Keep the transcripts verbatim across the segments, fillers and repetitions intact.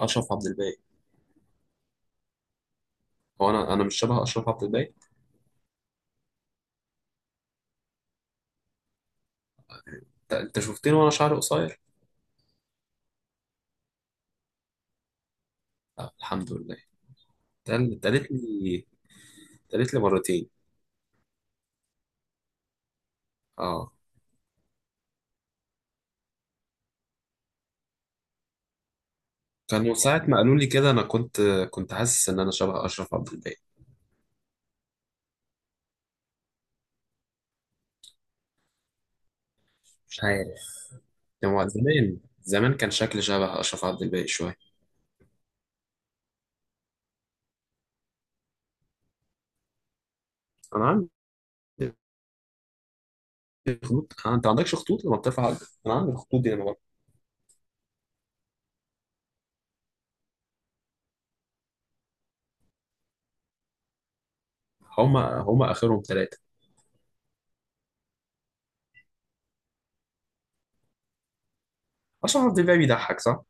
اشرف عبد الباقي. هو انا انا مش شبه اشرف عبد الباقي. انت أنت شفتني وانا شعري قصير. لا، الحمد لله. ده اللي اتقالت لي. اتقالت لي مرتين. اه. كانوا ساعة ما قالوا لي كده انا كنت كنت حاسس ان انا شبه اشرف عبد الباقي. مش عارف. هو زمان زمان كان شكلي شبه اشرف عبد الباقي شويه. انا عندي خطوط. آه، انت ما عندكش خطوط لما بترفع عقلك. انا عندي الخطوط دي لما... هما هما اخرهم ثلاثه. اشرف عبد الباقي بيضحك، صح؟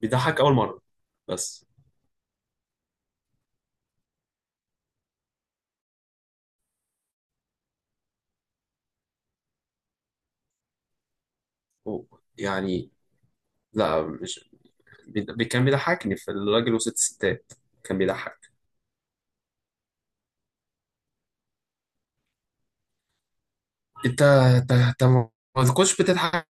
بيضحك اول مره بس. أوه، يعني... لا، مش... بي- كان بيضحكني في الراجل وست ستات. كان بيضحك. انت انت انت ما ما كنتش بتضحك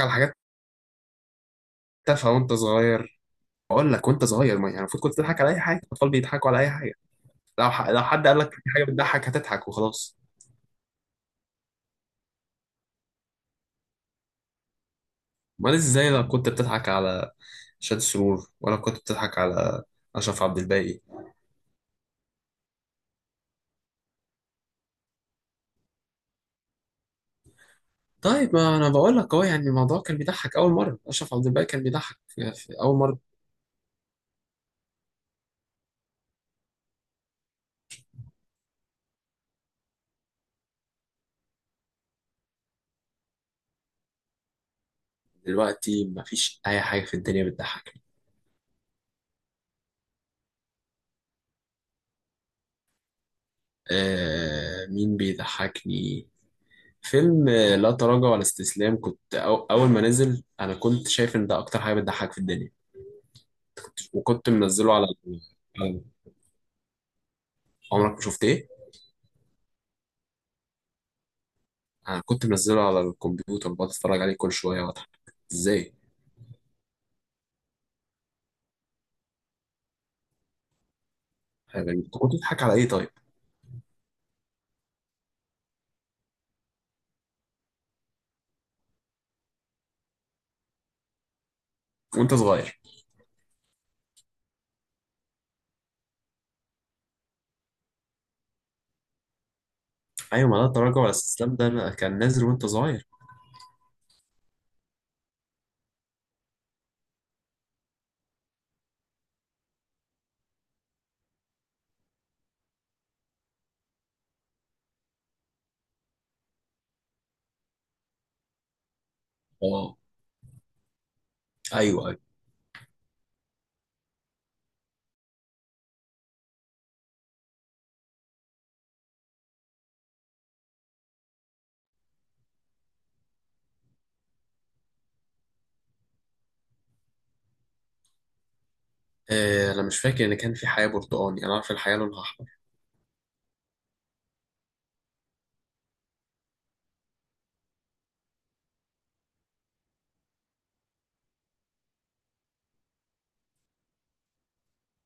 على حاجات تافهه وانت صغير. بقول لك وانت صغير، ما يعني المفروض كنت تضحك على اي حاجه. الاطفال بيضحكوا على اي حاجه. لو ح... لو حد قال لك في حاجه بتضحك هتضحك وخلاص. امال ازاي؟ لو كنت بتضحك على شاد سرور ولا كنت بتضحك على اشرف عبد الباقي؟ طيب ما انا بقول لك اهو، يعني الموضوع كان بيضحك اول مره. اشرف عبد الباقي كان بيضحك في في اول مره. دلوقتي ما فيش اي حاجه في الدنيا بتضحك. آه، مين بيضحكني؟ فيلم آه، لا تراجع ولا استسلام. كنت أو أول ما نزل أنا كنت شايف إن ده أكتر حاجة بتضحك في الدنيا. وكنت منزله على ال- على- عمرك ما شفت إيه؟ أنا كنت منزله على الكمبيوتر، بقعد أتفرج عليه كل شوية وأضحك. إزاي؟ حاجة غريبة. أنت كنت بتضحك على إيه طيب؟ وأنت صغير. أيوة، ما لا تراجع ولا استسلام ده أنا كان نازل وأنت صغير. أه، أيوه أيوه. آه، أنا مش فاكر إن كان في حياة برتقاني. أنا عارف الحياة لونها أحمر.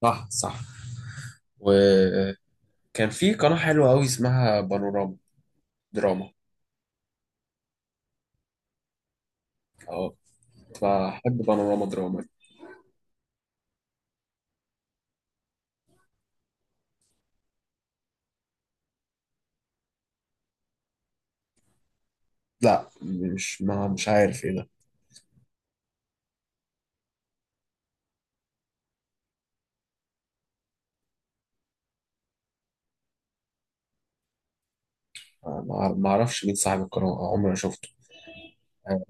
صح صح. و... كان في قناة حلوة أوي اسمها بانوراما دراما. اه، كنت بحب بانوراما دراما. لا، مش ما مش عارف ايه ده. ما ما اعرفش مين صاحب القناة. آه، عمري ما شفته. اه،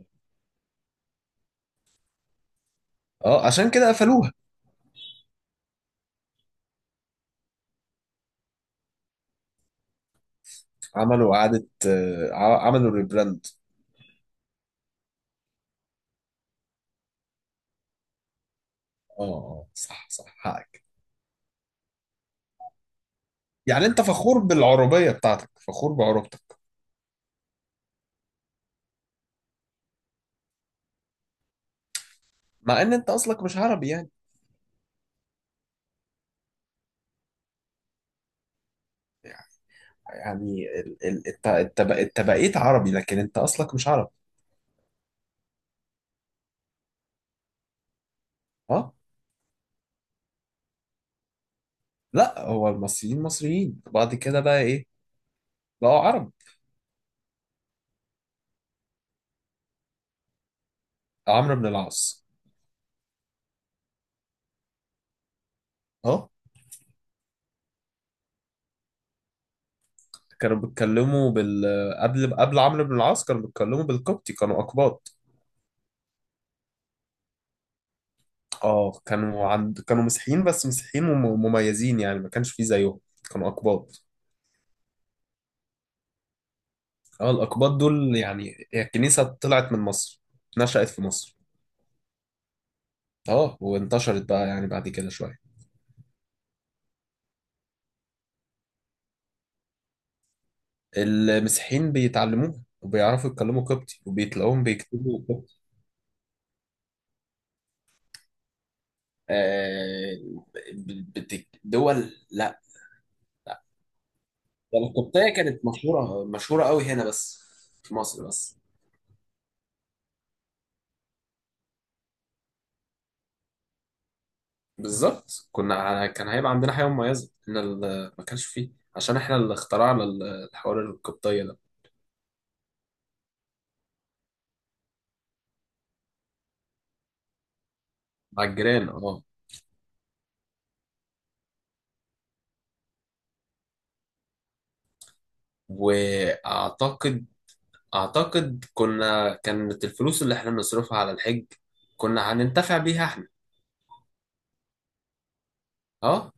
آه، عشان كده قفلوها. عملوا إعادة، آه، ع- عملوا ريبراند. اه، آه، صح صح، حقك. يعني انت فخور بالعربية بتاعتك، فخور بعروبتك. مع ان انت اصلك مش عربي يعني. يعني ال- ال- انت انت بق- انت بقيت عربي لكن انت اصلك مش عربي. اه. لا، هو المصريين مصريين، بعد كده بقى ايه؟ بقوا عرب. عمرو بن العاص. اه. كانوا بيتكلموا بال قبل قبل عمرو بن العاص كانوا بيتكلموا بالقبطي. كانوا أقباط. اه، كانوا عند كانوا مسيحيين، بس مسيحيين مم- مميزين، يعني ما كانش فيه زيهم. كانوا أقباط. اه، الأقباط دول يعني هي الكنيسة طلعت من مصر، نشأت في مصر. اه، وانتشرت بقى يعني بعد كده شوية. المسيحيين بيتعلموها وبيعرفوا يتكلموا قبطي، وبيتلاقوهم بيكتبوا قبطي. آه، ب- بت- دول لا. ده الكوبتاية كانت مشهورة مشهورة قوي هنا، بس في مصر بس. بالظبط، كنا كان هيبقى عندنا حاجة مميزة ان ال- ما كانش فيه، عشان احنا اللي اخترعنا ال- الحوار الكوبتاية ده. مع الجيران، اه. واعتقد اعتقد كنا... كانت الفلوس اللي احنا بنصرفها على الحج كنا هننتفع بيها احنا. اه.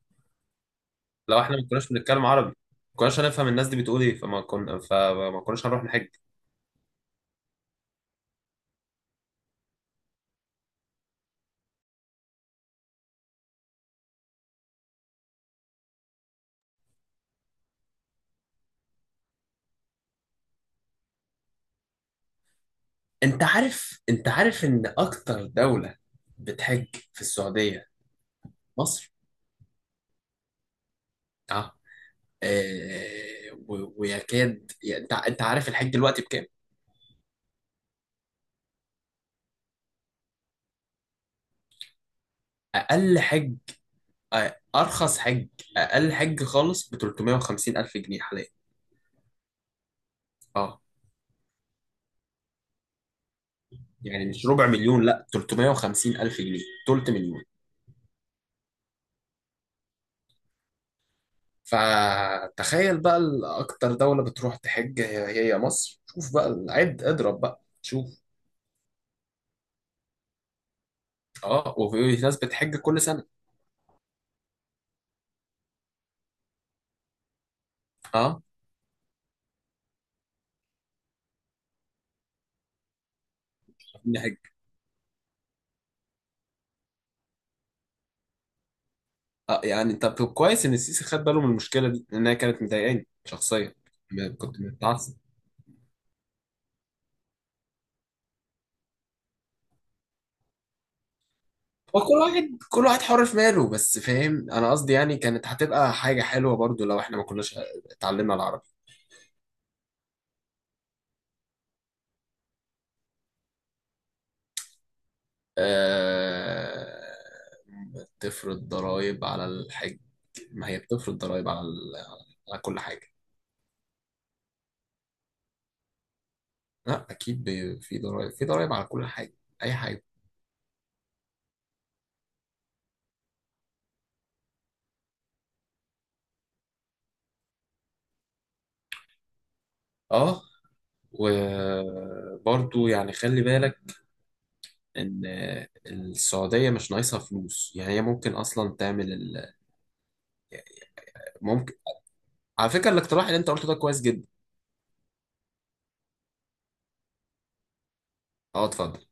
لو احنا ما كناش بنتكلم عربي، ما كناش هنفهم الناس دي بتقول ايه. فما كنا فما كناش هنروح نحج. انت عارف انت عارف ان اكتر دولة بتحج في السعودية مصر. اه، آه، و- ويكاد يعني. انت انت عارف الحج دلوقتي بكام؟ اقل حج، آه، ارخص حج، اقل حج خالص ب ثلاثمية وخمسين الف جنيه حاليا. اه، يعني مش ربع مليون، لا تلتمية وخمسين الف جنيه، تلت مليون. فتخيل بقى ال- اكتر دولة بتروح تحج هي، هي مصر. شوف بقى، عد، اضرب بقى، شوف. اه، وفي ناس بتحج كل سنة. اه. اه يعني، طب طب كويس ان السيسي خد باله من المشكله دي لانها كانت مضايقاني شخصيا. ما- كنت متعصب. هو كل واحد كل واحد حر في ماله، بس فاهم انا قصدي يعني كانت هتبقى حاجه حلوه برضو لو احنا ما كناش اتعلمنا العربي. أه... تفرض ضرائب على الحج. ما هي بتفرض ضرائب على ال... على كل حاجه. لا، اكيد بي- في ضرائب في ضرائب على كل حاجه. اي حاجه. اه، وبرضو يعني خلي بالك ان السعوديه مش ناقصها فلوس. يعني هي ممكن اصلا تعمل ال... ممكن. على فكره الاقتراح اللي انت قلته ده كويس جدا. اه، اتفضل.